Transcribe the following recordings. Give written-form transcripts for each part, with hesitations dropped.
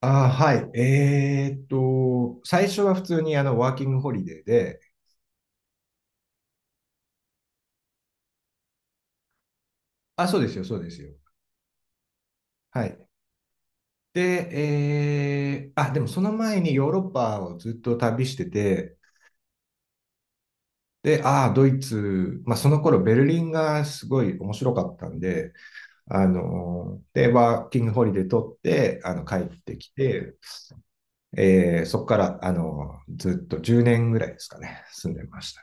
ああ、はい。最初は普通にワーキングホリデーで、あ、そうですよ、そうですよ。はい。で、えー、あ、でもその前にヨーロッパをずっと旅してて、で、ああ、ドイツ、まあその頃ベルリンがすごい面白かったんで、ワーキングホリデー取って、帰ってきて、そこから、ずっと10年ぐらいですかね、住んでました。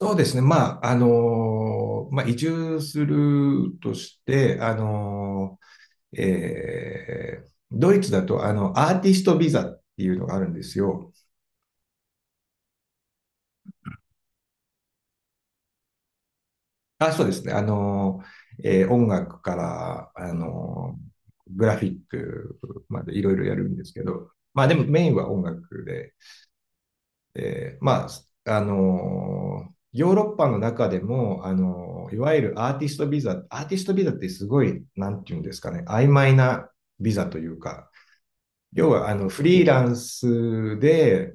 そうですね。移住するとして、ドイツだと、アーティストビザっていうのがあるんですよ。あ、そうですね。音楽から、グラフィックまでいろいろやるんですけど、まあでもメインは音楽で、で、まヨーロッパの中でも、いわゆるアーティストビザってすごい、なんていうんですかね、曖昧なビザというか、要は、あの、フリーランスで、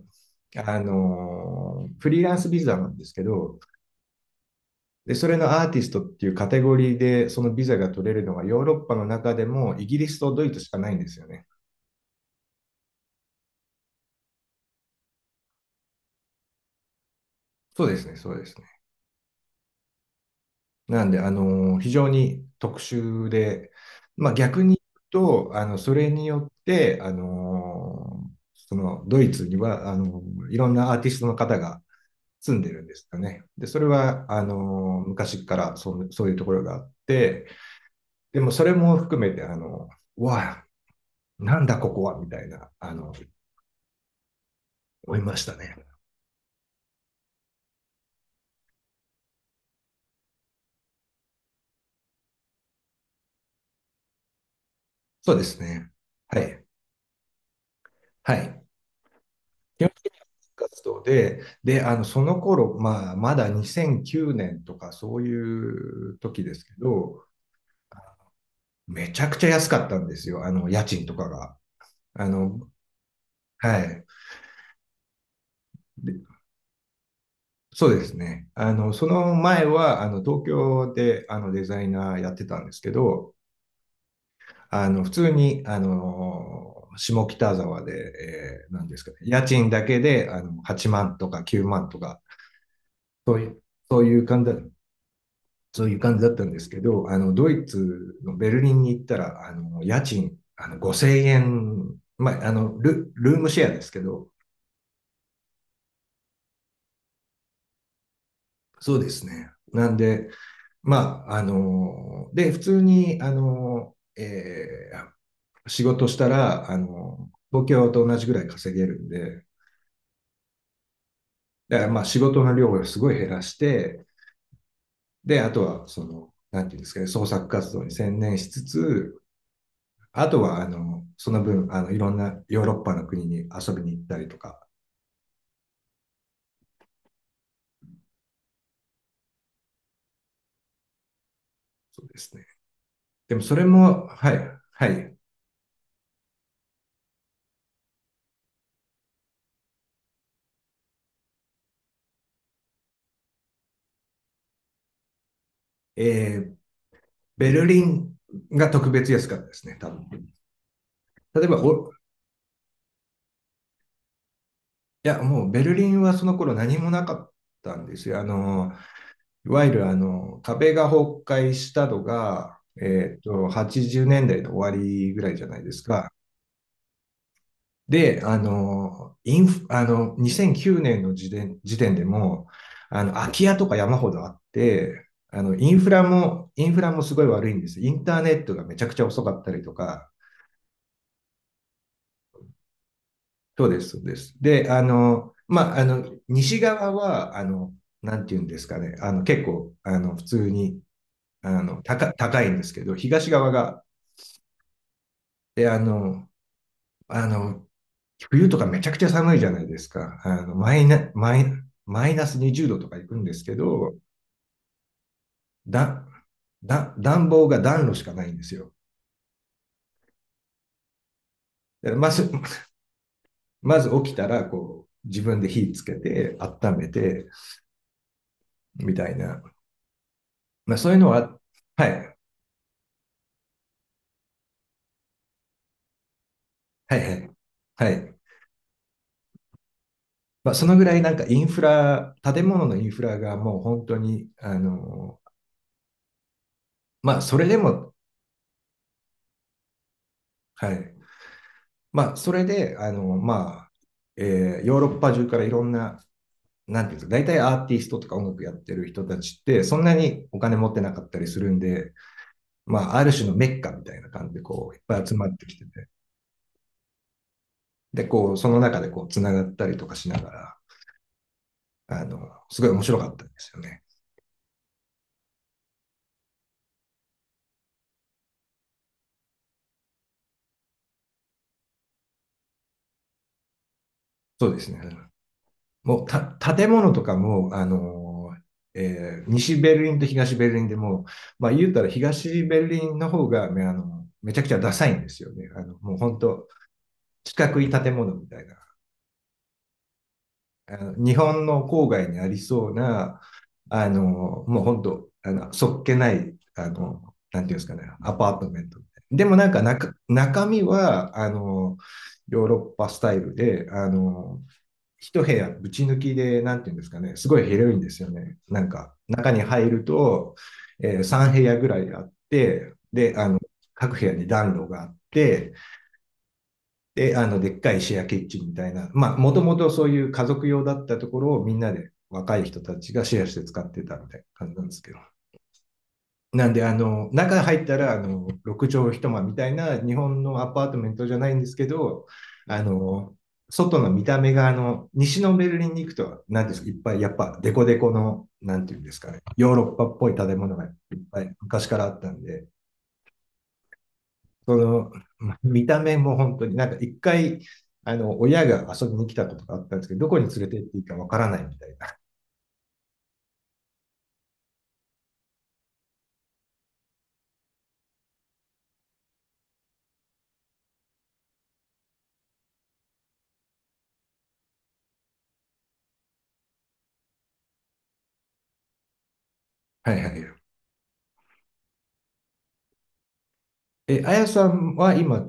あの、フリーランスビザなんですけど、で、それのアーティストっていうカテゴリーで、そのビザが取れるのはヨーロッパの中でもイギリスとドイツしかないんですよね。そうですね、そうですね。なんで、非常に特殊で、まあ逆に言うと、そのドイツには、いろんなアーティストの方が住んでるんですよね。で、それは、あの、昔からそう、そういうところがあって、でもそれも含めて、あの、うわあ、なんだここは、みたいな、思いましたね。そうですね。はい。はい。基本的に活動で、その頃、まあ、まだ2009年とかそういう時ですけど、めちゃくちゃ安かったんですよ、家賃とかが。あの、はい。で、そうですね。その前は、東京で、デザイナーやってたんですけど、あの、普通に、あの、下北沢で、なんですかね、家賃だけで、8万とか9万とか、そういう感じだそういう感じだったんですけど、ドイツのベルリンに行ったら、あの、家賃、あの、5000円、まあ、ルームシェアですけど、そうですね。なんで、普通に、仕事したら、東京と同じぐらい稼げるんで、だからまあ仕事の量をすごい減らして、で、あとは、その、なんていうんですかね、創作活動に専念しつつ、あとは、その分、いろんなヨーロッパの国に遊びに行ったりとか、そうですね。でもそれも、はい、はい。えー、ベルリンが特別安かったですね、多分。例えば、お、いや、もうベルリンはその頃何もなかったんですよ。いわゆる、壁が崩壊したのが、80年代の終わりぐらいじゃないですか。で、あの、インフ、あの、2009年の時点でも、空き家とか山ほどあって、インフラもすごい悪いんです。インターネットがめちゃくちゃ遅かったりとか、そうです、そうです。で、あの、まあ、あの、西側は、なんていうんですかね、あの、結構、あの、普通に、あの、高、高いんですけど、東側が、で、あの、あの、冬とかめちゃくちゃ寒いじゃないですか。マイナス20度とか行くんですけど、だ、暖房が暖炉しかないんですよ。だからまず、まず起きたら、こう、自分で火つけて、温めて、みたいな。まあそういうのは、はい、はいはい、はい。まあそのぐらいインフラ、建物のインフラがもう本当に、まあそれでも、はい。まあそれで、あの、まあ、えーヨーロッパ中からいろんな、なんていうんですか、大体アーティストとか音楽やってる人たちって、そんなにお金持ってなかったりするんで、まあ、ある種のメッカみたいな感じで、こう、いっぱい集まってきてて、で、こう、その中でこう、つながったりとかしながら、あの、すごい面白かったんですよね。そうですね。もう、た、建物とかも、西ベルリンと東ベルリンでも、まあ、言うたら東ベルリンの方が、ね、めちゃくちゃダサいんですよね。もう本当、四角い建物みたいな、あの日本の郊外にありそうな、あの、もう本当、あの、そっけない、なんていうんですかね、アパートメント。でもなんか中、中身は、ヨーロッパスタイルで、一部屋ぶち抜きで、なんていうんですかね、すごい広いんですよね。なんか、中に入ると、3部屋ぐらいあって、で、あの、各部屋に暖炉があって、で、あの、でっかいシェアキッチンみたいな、まあ、もともとそういう家族用だったところをみんなで若い人たちがシェアして使ってたみたいな感じなんですけど。なんで、中入ったら、6畳一間みたいな日本のアパートメントじゃないんですけど、あの、外の見た目が、西のベルリンに行くと、なんですか、いっぱい、やっぱ、デコデコの、なんていうんですかね、ヨーロッパっぽい建物がいっぱい昔からあったんで、その、ま見た目も本当になんか一回、親が遊びに来たことがあったんですけど、どこに連れて行っていいかわからないみたいな。はいはいはい。え、あやさんは今、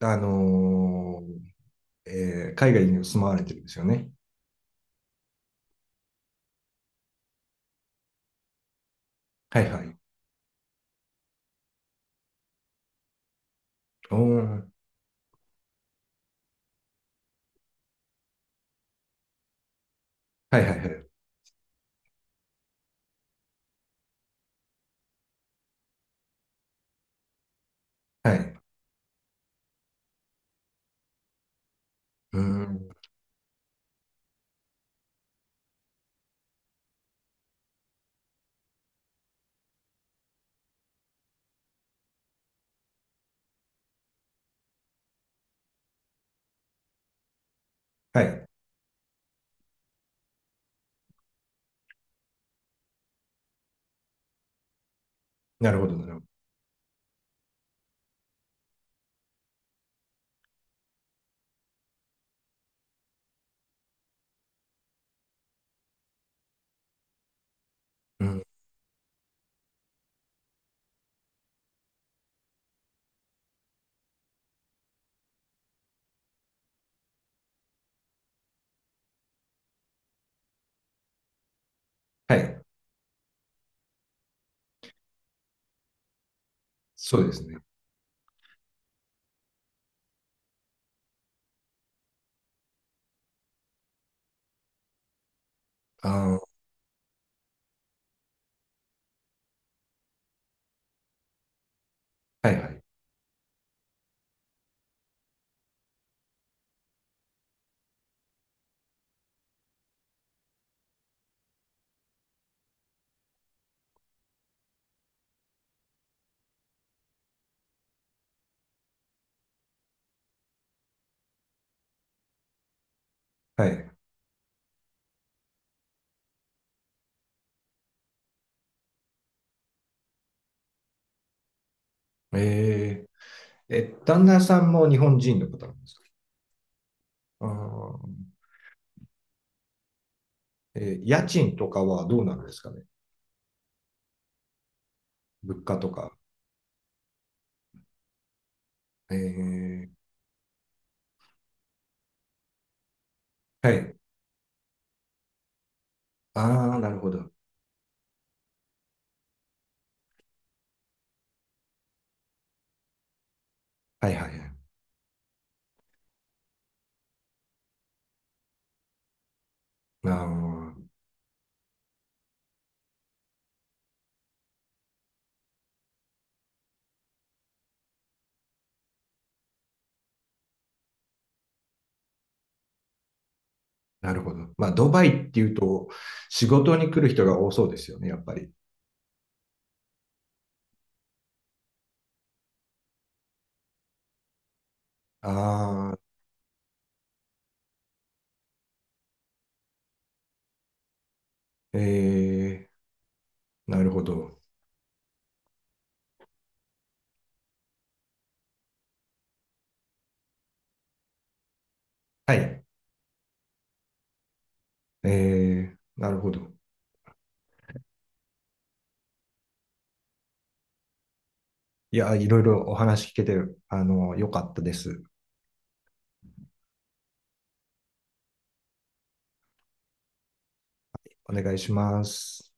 あの海外に住まわれてるんですよね。はいはい。おー、はいはいはい。はい。うーん。はい。なるほど、なるほど。うん。はい。そうですね。ああ、はいはい。はい。え旦那さんも日本人の方なんですか？ああー、家賃とかはどうなんですかね？物価とか。ええはい。ああ、なるほど。はいはいはい。ああ、なるほど。まあ、ドバイっていうと、仕事に来る人が多そうですよね、やっぱり。ああ、ええなるほど。はい。ええなるほど。いや、いろいろお話聞けて、よかったです。お願いします。